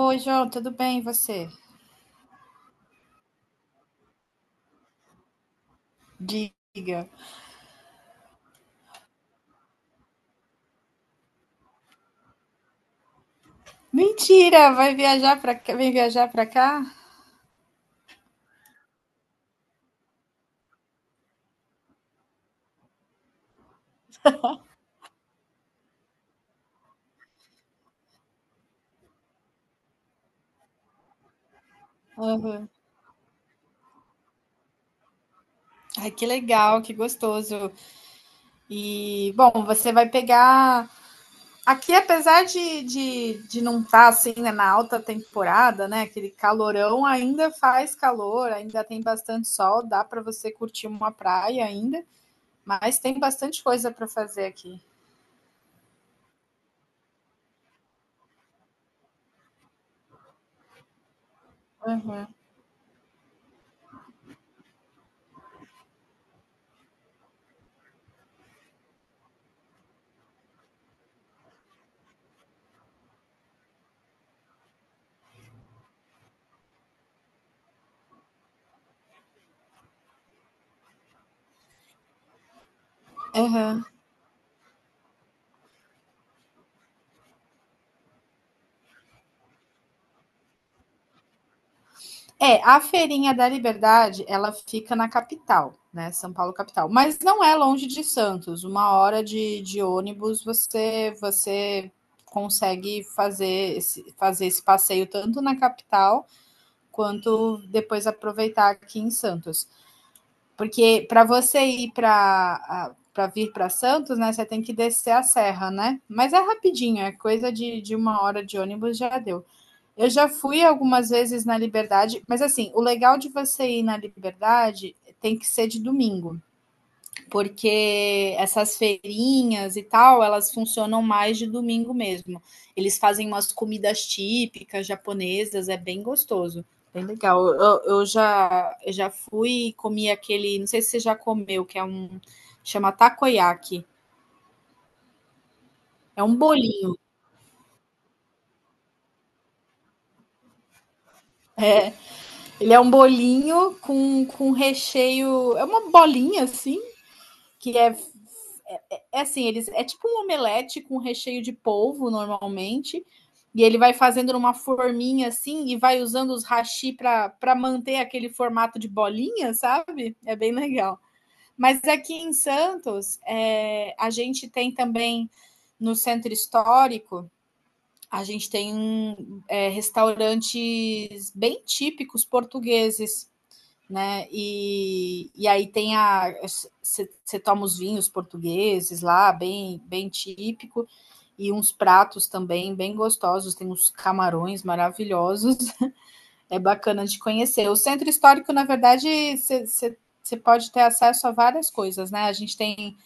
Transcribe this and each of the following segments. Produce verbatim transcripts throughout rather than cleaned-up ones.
Oi, João, tudo bem? E você? Diga. Mentira, vai viajar para cá, vem viajar para cá? Aham. Ai, que legal, que gostoso. E, bom, você vai pegar. Aqui, apesar de, de, de não estar assim, né, na alta temporada, né, aquele calorão, ainda faz calor, ainda tem bastante sol, dá para você curtir uma praia ainda, mas tem bastante coisa para fazer aqui. Aham. Aham. É, a Feirinha da Liberdade, ela fica na capital, né? São Paulo capital. Mas não é longe de Santos. Uma hora de, de ônibus você você consegue fazer esse, fazer esse passeio tanto na capital quanto depois aproveitar aqui em Santos. Porque para você ir para para vir para Santos, né, você tem que descer a serra, né? Mas é rapidinho, é coisa de, de uma hora de ônibus já deu. Eu já fui algumas vezes na Liberdade, mas assim, o legal de você ir na Liberdade tem que ser de domingo, porque essas feirinhas e tal, elas funcionam mais de domingo mesmo. Eles fazem umas comidas típicas japonesas, é bem gostoso. Bem legal. Eu, eu já, eu já fui e comi aquele, não sei se você já comeu, que é um, chama takoyaki. É um bolinho. Ele é um bolinho com, com recheio, é uma bolinha assim, que é é assim, eles é tipo um omelete com recheio de polvo normalmente, e ele vai fazendo numa forminha assim e vai usando os hashi para manter aquele formato de bolinha, sabe? É bem legal. Mas aqui em Santos, é, a gente tem também no centro histórico, a gente tem é, restaurantes bem típicos portugueses, né? E, e aí tem a você toma os vinhos portugueses lá, bem bem típico e uns pratos também bem gostosos, tem uns camarões maravilhosos, é bacana de conhecer. O centro histórico, na verdade, você pode ter acesso a várias coisas, né? A gente tem.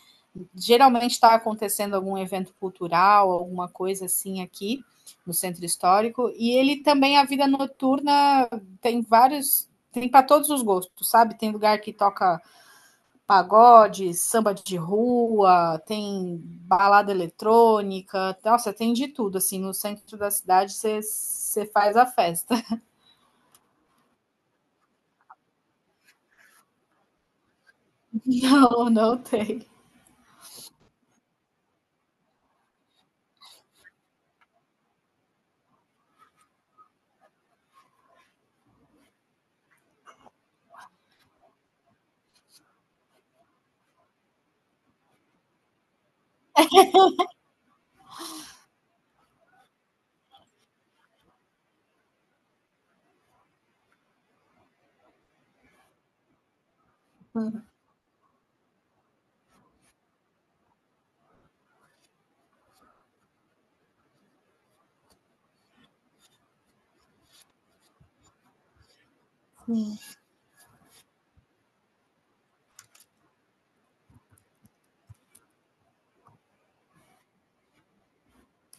Geralmente está acontecendo algum evento cultural, alguma coisa assim aqui no centro histórico. E ele também, a vida noturna, tem vários. Tem para todos os gostos, sabe? Tem lugar que toca pagode, samba de rua, tem balada eletrônica, nossa, tem de tudo. Assim, no centro da cidade você faz a festa. Não, não tem.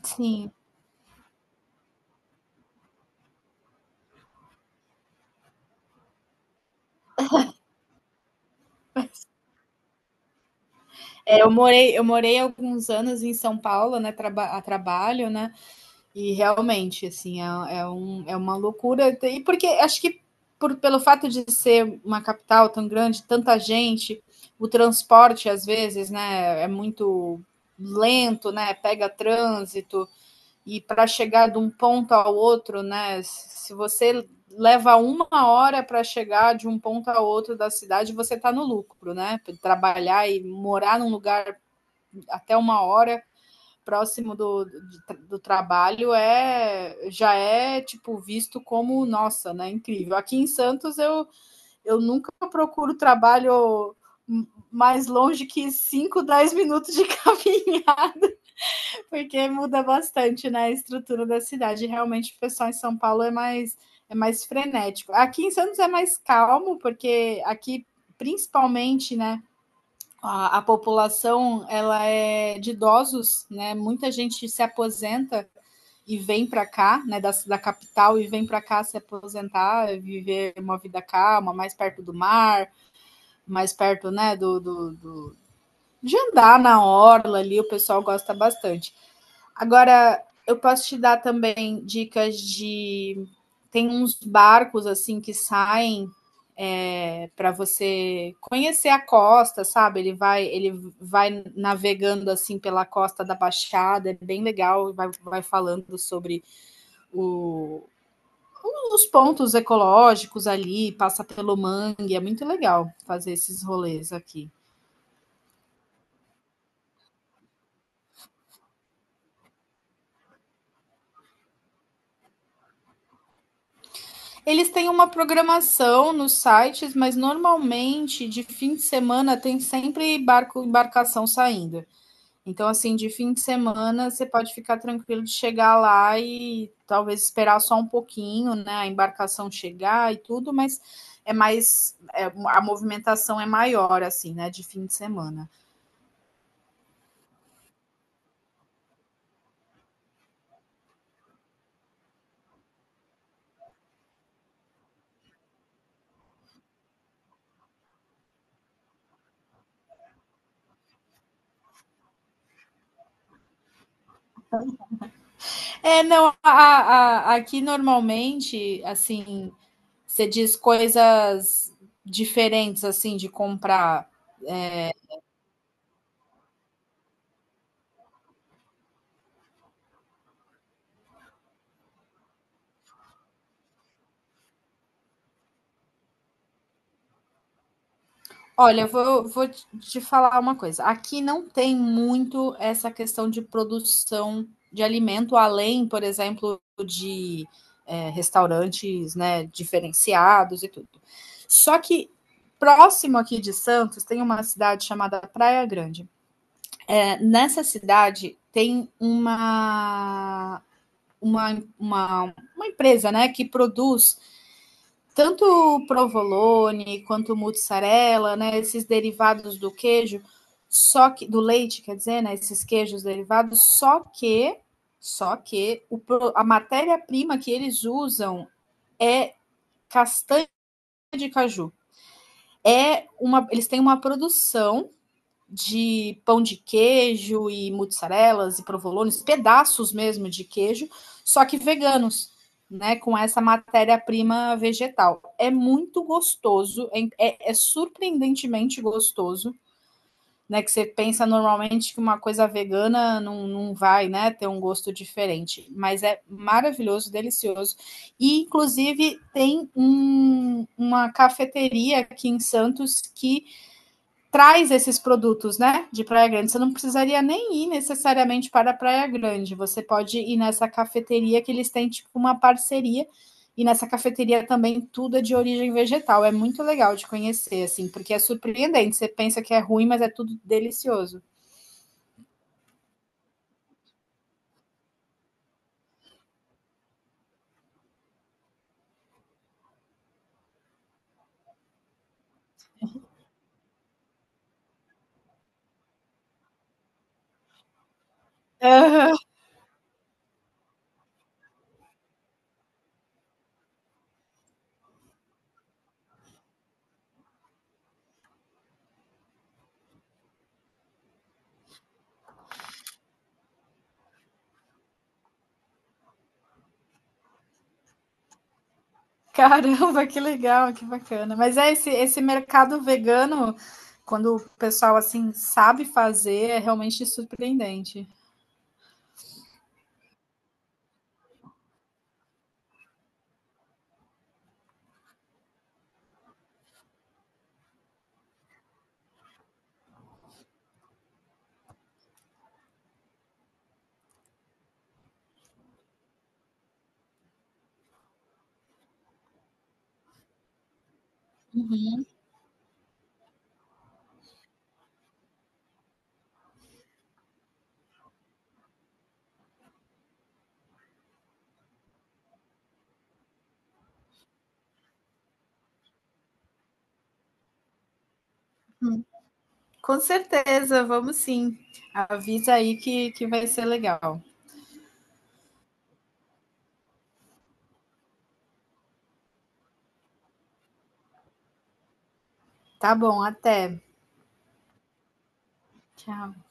Sim, é, eu morei, eu morei alguns anos em São Paulo, né, traba a trabalho, né, e realmente, assim, é, é, um, é uma loucura, e porque acho que por, pelo fato de ser uma capital tão grande, tanta gente, o transporte, às vezes, né, é muito lento, né, pega trânsito, e para chegar de um ponto ao outro, né? Se você leva uma hora para chegar de um ponto ao outro da cidade, você está no lucro, né? Trabalhar e morar num lugar até uma hora próximo do, do, do trabalho é já é tipo visto como nossa, né? Incrível. Aqui em Santos eu, eu nunca procuro trabalho mais longe que cinco, dez minutos de caminho. Porque muda bastante, né, a estrutura da cidade. Realmente o pessoal em São Paulo é mais é mais frenético. Aqui em Santos é mais calmo, porque aqui principalmente, né, a, a população ela é de idosos, né? Muita gente se aposenta e vem para cá, né, da, da capital e vem para cá se aposentar, viver uma vida calma, mais perto do mar, mais perto, né, do, do, do de andar na orla ali, o pessoal gosta bastante. Agora, eu posso te dar também dicas de. Tem uns barcos assim que saem é, para você conhecer a costa, sabe? Ele vai, ele vai navegando assim pela costa da Baixada, é bem legal, vai, vai falando sobre o, os pontos ecológicos ali, passa pelo mangue, é muito legal fazer esses rolês aqui. Eles têm uma programação nos sites, mas normalmente de fim de semana tem sempre barco, embarcação saindo. Então, assim, de fim de semana você pode ficar tranquilo de chegar lá e talvez esperar só um pouquinho, né? A embarcação chegar e tudo, mas é mais é, a movimentação é maior assim, né, de fim de semana. É, não, a, a- aqui normalmente, assim, você diz coisas diferentes assim de comprar. é, Olha, eu vou, vou te te falar uma coisa. Aqui não tem muito essa questão de produção de alimento, além, por exemplo, de eh, restaurantes, né, diferenciados e tudo. Só que próximo aqui de Santos tem uma cidade chamada Praia Grande. Eh, nessa cidade tem uma, uma, uma, uma empresa, né, que produz tanto o provolone quanto mussarela, né, esses derivados do queijo, só que do leite, quer dizer, né, esses queijos derivados, só que só que o, a matéria-prima que eles usam é castanha de caju. É uma, eles têm uma produção de pão de queijo e mussarelas e provolones, pedaços mesmo de queijo, só que veganos, né? Com essa matéria-prima vegetal. É muito gostoso, é, é é surpreendentemente gostoso. Né, que você pensa normalmente que uma coisa vegana não, não vai né, ter um gosto diferente, mas é maravilhoso, delicioso. E, inclusive, tem um, uma cafeteria aqui em Santos que traz esses produtos, né, de Praia Grande. Você não precisaria nem ir necessariamente para a Praia Grande. Você pode ir nessa cafeteria que eles têm tipo uma parceria e nessa cafeteria também tudo é de origem vegetal. É muito legal de conhecer assim, porque é surpreendente. Você pensa que é ruim, mas é tudo delicioso. Aham. Caramba, que legal, que bacana. Mas é esse esse mercado vegano, quando o pessoal assim sabe fazer, é realmente surpreendente. Com certeza, vamos sim. Avisa aí que, que vai ser legal. Tá bom, até. Tchau.